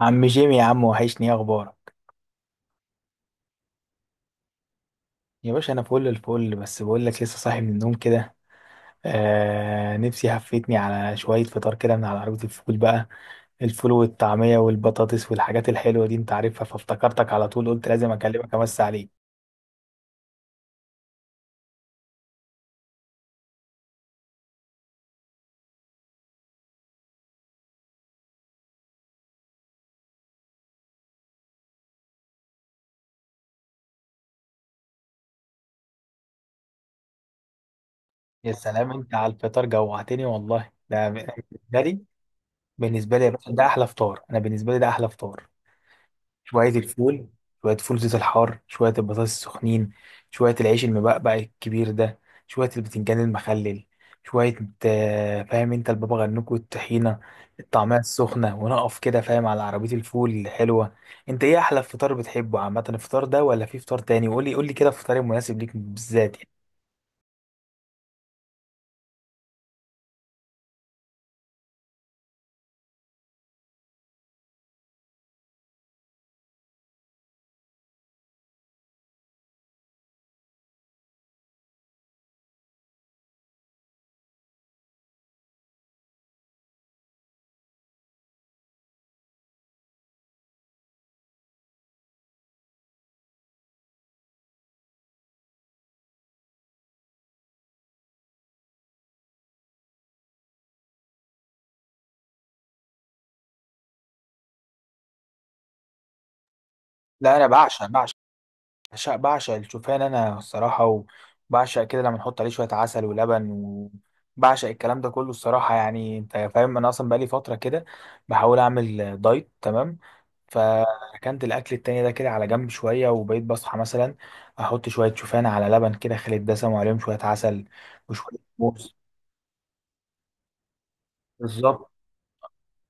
عم جيمي يا عم، وحشني، ايه اخبارك؟ يا باشا انا فل الفل، بس بقول لك لسه صاحي من النوم كده. نفسي هفتني على شويه فطار كده من على عربيه الفول بقى. الفول والطعميه والبطاطس والحاجات الحلوه دي انت عارفها، فافتكرتك على طول، قلت لازم اكلمك امس عليك. يا سلام، انت على الفطار جوعتني والله، ده بالنسبه لي. بالنسبه لي يا باشا ده احلى فطار، انا بالنسبه لي ده احلى فطار. شوية الفول شوية فول زيت الحار، شوية البطاطس السخنين، شوية العيش المبقبق الكبير ده، شوية البتنجان المخلل، شوية فاهم انت، البابا غنوج والطحينة، الطعمية السخنة، ونقف كده فاهم على عربية الفول الحلوة. انت ايه احلى فطار بتحبه عامة؟ الفطار ده ولا في فطار تاني؟ وقولي قولي كده الفطار المناسب ليك بالذات يعني. لا انا بعشق بعشق الشوفان انا الصراحه. وبعشق كده لما نحط عليه شويه عسل ولبن، وبعشق الكلام ده كله الصراحه. يعني انت فاهم، انا اصلا بقالي فتره كده بحاول اعمل دايت، تمام؟ فركنت الاكل التاني ده كده على جنب شويه، وبقيت بصحى مثلا احط شويه شوفان على لبن كده خالي الدسم، وعليهم شويه عسل وشويه موز. بالظبط،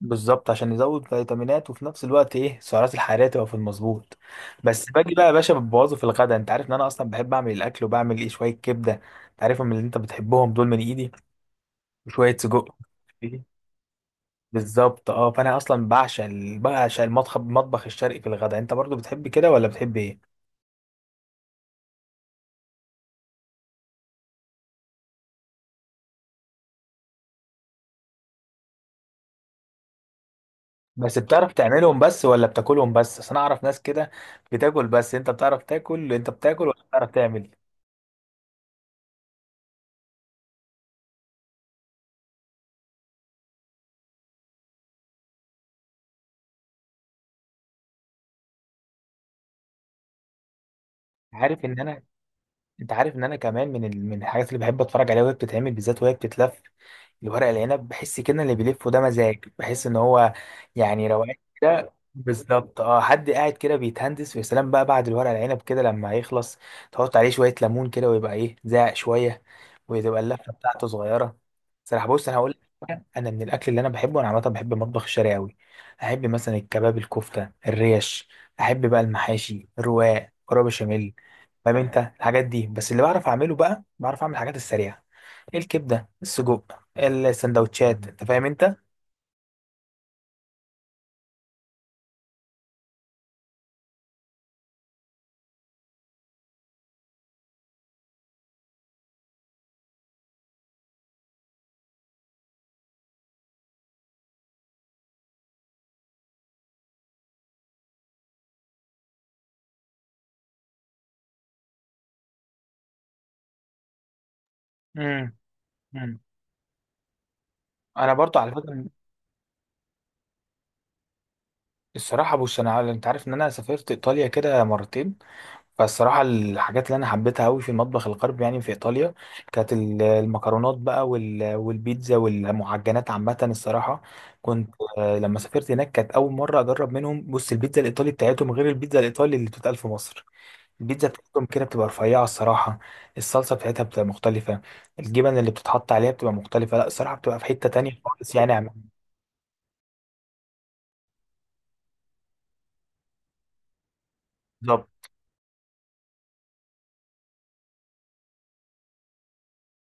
بالظبط عشان يزود فيتامينات، وفي نفس الوقت ايه السعرات الحراريه تبقى في المظبوط. بس باجي بقى يا باشا ببوظه في الغدا، انت عارف ان انا اصلا بحب اعمل الاكل، وبعمل ايه شويه كبده انت عارفهم اللي انت بتحبهم دول من ايدي، وشويه سجق. إيه؟ بالظبط. اه فانا اصلا بعشق المطبخ الشرقي في الغدا. انت برضو بتحب كده ولا بتحب ايه؟ بس بتعرف تعملهم بس، ولا بتاكلهم بس؟ اصل انا اعرف ناس كده بتاكل بس. انت بتعرف تاكل انت، بتاكل ولا بتعرف تعمل؟ عارف ان انا انت عارف ان انا كمان من الحاجات اللي بحب اتفرج عليها وهي بتتعمل بالذات وهي بتتلف. الورق العنب بحس كده اللي بيلفه ده مزاج، بحس ان هو يعني روقان كده بالظبط. اه حد قاعد كده بيتهندس. ويا سلام بقى بعد الورق العنب كده لما يخلص تحط عليه شويه ليمون كده ويبقى ايه زاق شويه، وتبقى اللفه بتاعته صغيره. صراحه بص انا هقول، انا من الاكل اللي انا بحبه، انا عامه بحب المطبخ الشرقي قوي. احب مثلا الكباب، الكفته، الريش. احب بقى المحاشي، الرواق، كرب بشاميل، فاهم انت الحاجات دي. بس اللي بعرف اعمله بقى، بعرف اعمل الحاجات السريعه: الكبده، السجق، السندوتشات، انت فاهم انت. امم امم انا برضو على فكره. الصراحه بص انا، انت عارف ان انا سافرت ايطاليا كده مرتين. فالصراحة الحاجات اللي أنا حبيتها أوي في المطبخ الغربي يعني في إيطاليا، كانت المكرونات بقى والبيتزا والمعجنات عامة الصراحة. كنت لما سافرت هناك كانت أول مرة أجرب منهم. بص البيتزا الإيطالي بتاعتهم غير البيتزا الإيطالي اللي بتتقال في مصر. البيتزا بتاعتهم كده بتبقى رفيعة الصراحة، الصلصة بتاعتها بتبقى مختلفة، الجبن اللي بتتحط عليها بتبقى مختلفة. لا الصراحة بتبقى في حتة تانية خالص يعني. بالظبط،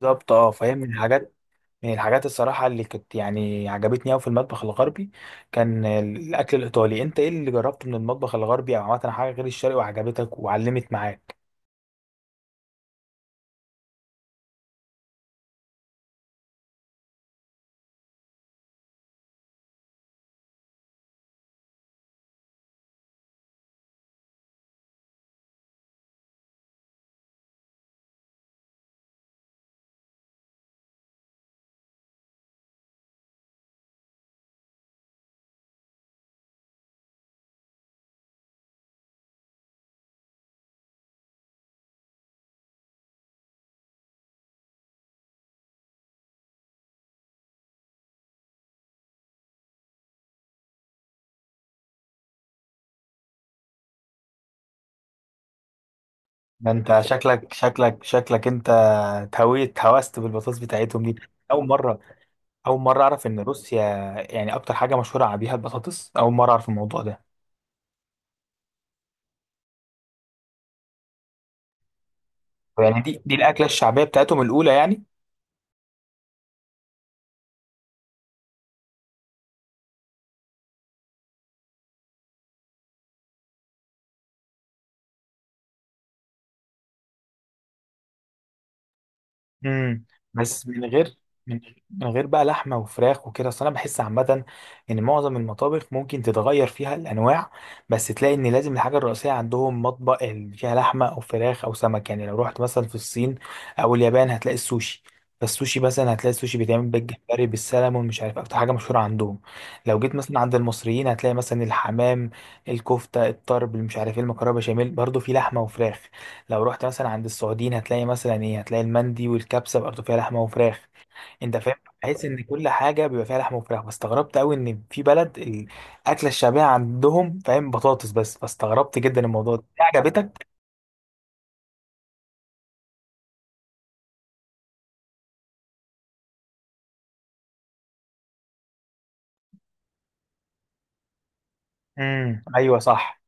بالظبط. اه فاهم، من الحاجات، من الحاجات الصراحة اللي كنت يعني عجبتني أوي في المطبخ الغربي، كان الأكل الإيطالي. أنت إيه اللي جربته من المطبخ الغربي أو عملت حاجة غير الشرقي وعجبتك وعلمت معاك؟ ده أنت شكلك أنت اتهويت هوست بالبطاطس بتاعتهم دي. أول مرة أول مرة أعرف إن روسيا يعني أكتر حاجة مشهورة بيها البطاطس. أول مرة أعرف الموضوع ده. يعني دي الأكلة الشعبية بتاعتهم الأولى يعني. امم. بس من من غير بقى لحمه وفراخ وكده. اصل انا بحس عامه ان معظم المطابخ ممكن تتغير فيها الانواع، بس تلاقي ان لازم الحاجه الرئيسيه عندهم مطبخ اللي فيها لحمه او فراخ او سمك. يعني لو رحت مثلا في الصين او اليابان هتلاقي السوشي. فالسوشي مثلا هتلاقي السوشي بيتعمل بالجمبري بالسلمون، مش عارف اكتر حاجه مشهوره عندهم. لو جيت مثلا عند المصريين هتلاقي مثلا الحمام، الكفته، الطرب اللي مش عارف ايه، المكرونه بشاميل، برضه في لحمه وفراخ. لو رحت مثلا عند السعوديين هتلاقي مثلا ايه، هتلاقي المندي والكبسه برضه فيها لحمه وفراخ. انت فاهم؟ بحيث ان كل حاجه بيبقى فيها لحمه وفراخ، فاستغربت قوي ان في بلد الاكله الشعبيه عندهم فاهم بطاطس بس. فاستغربت جدا الموضوع ده. دي عجبتك؟ امم، ايوه صح.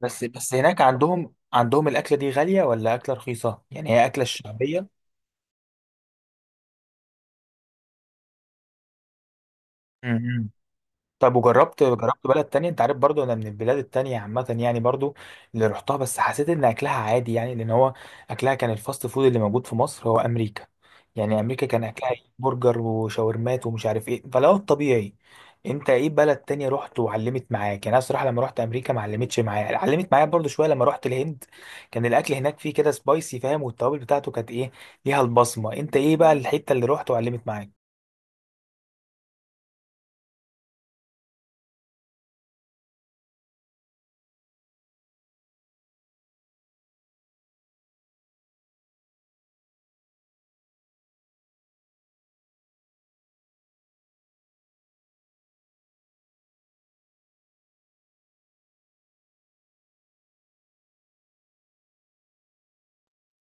بس هناك عندهم الاكله دي غاليه ولا اكله رخيصه؟ يعني هي اكله الشعبيه. امم. طب وجربت بلد تانية؟ انت عارف برضو انا من البلاد التانية عامة يعني، برضو اللي رحتها بس حسيت ان اكلها عادي، يعني لان هو اكلها كان الفاست فود اللي موجود في مصر هو امريكا. يعني امريكا كان اكلها إيه؟ برجر وشاورمات ومش عارف ايه، فلو الطبيعي. انت ايه بلد تانية رحت وعلمت معاك يعني؟ انا الصراحة لما رحت امريكا ما علمتش معايا، علمت معايا برضو شوية لما رحت الهند. كان الاكل هناك فيه كده سبايسي فاهم، والتوابل بتاعته كانت ايه، ليها البصمة. انت ايه بقى الحتة اللي رحت وعلمت معاك؟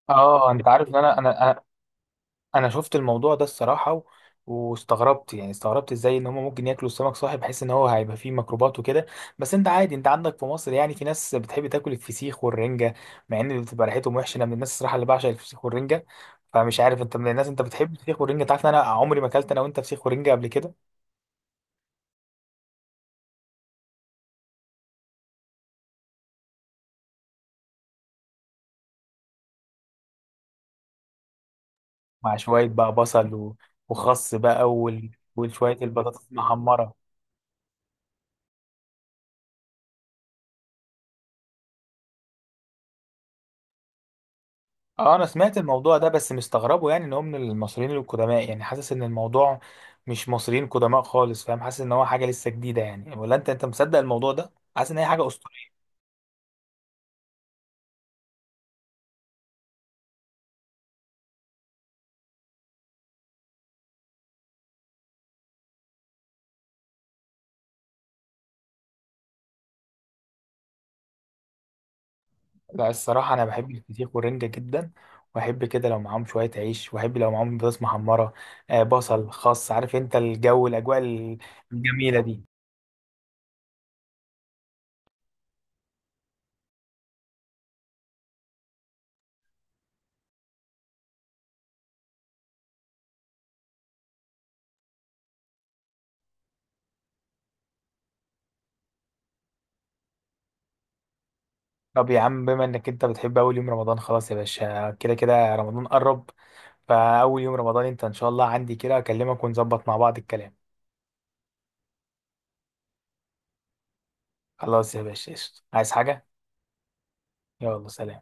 اه انت عارف ان انا انا شفت الموضوع ده الصراحه، واستغربت يعني، استغربت ازاي ان هم ممكن ياكلوا السمك صاحي بحيث ان هو هيبقى فيه ميكروبات وكده. بس انت عادي، انت عندك في مصر يعني في ناس بتحب تاكل الفسيخ والرنجه مع ان بتبقى ريحتهم وحشه. انا من الناس الصراحه اللي بعشق الفسيخ والرنجه. فمش عارف انت من الناس، انت بتحب الفسيخ والرنجه؟ تعرف ان انا عمري ما اكلت انا وانت فسيخ ورنجه قبل كده. مع شويه بقى بصل وخس بقى وشويه البطاطس المحمره. اه انا سمعت الموضوع ده بس مستغربه، يعني ان هو من المصريين القدماء. يعني حاسس ان الموضوع مش مصريين قدماء خالص فاهم. حاسس ان هو حاجه لسه جديده يعني. ولا انت مصدق الموضوع ده، حاسس ان هي حاجه اسطوريه؟ لا الصراحه انا بحب الفسيخ والرنجه جدا. واحب كده لو معاهم شويه عيش، واحب لو معاهم بطاطس محمره. بصل، خس، عارف انت الجو، الاجواء الجميله دي. طب يا عم بما انك انت بتحب اول يوم رمضان، خلاص يا باشا كده كده رمضان قرب. فاول يوم رمضان انت ان شاء الله عندي كده، اكلمك ونظبط مع بعض الكلام. خلاص يا باشا قشطة، عايز حاجة؟ يلا سلام.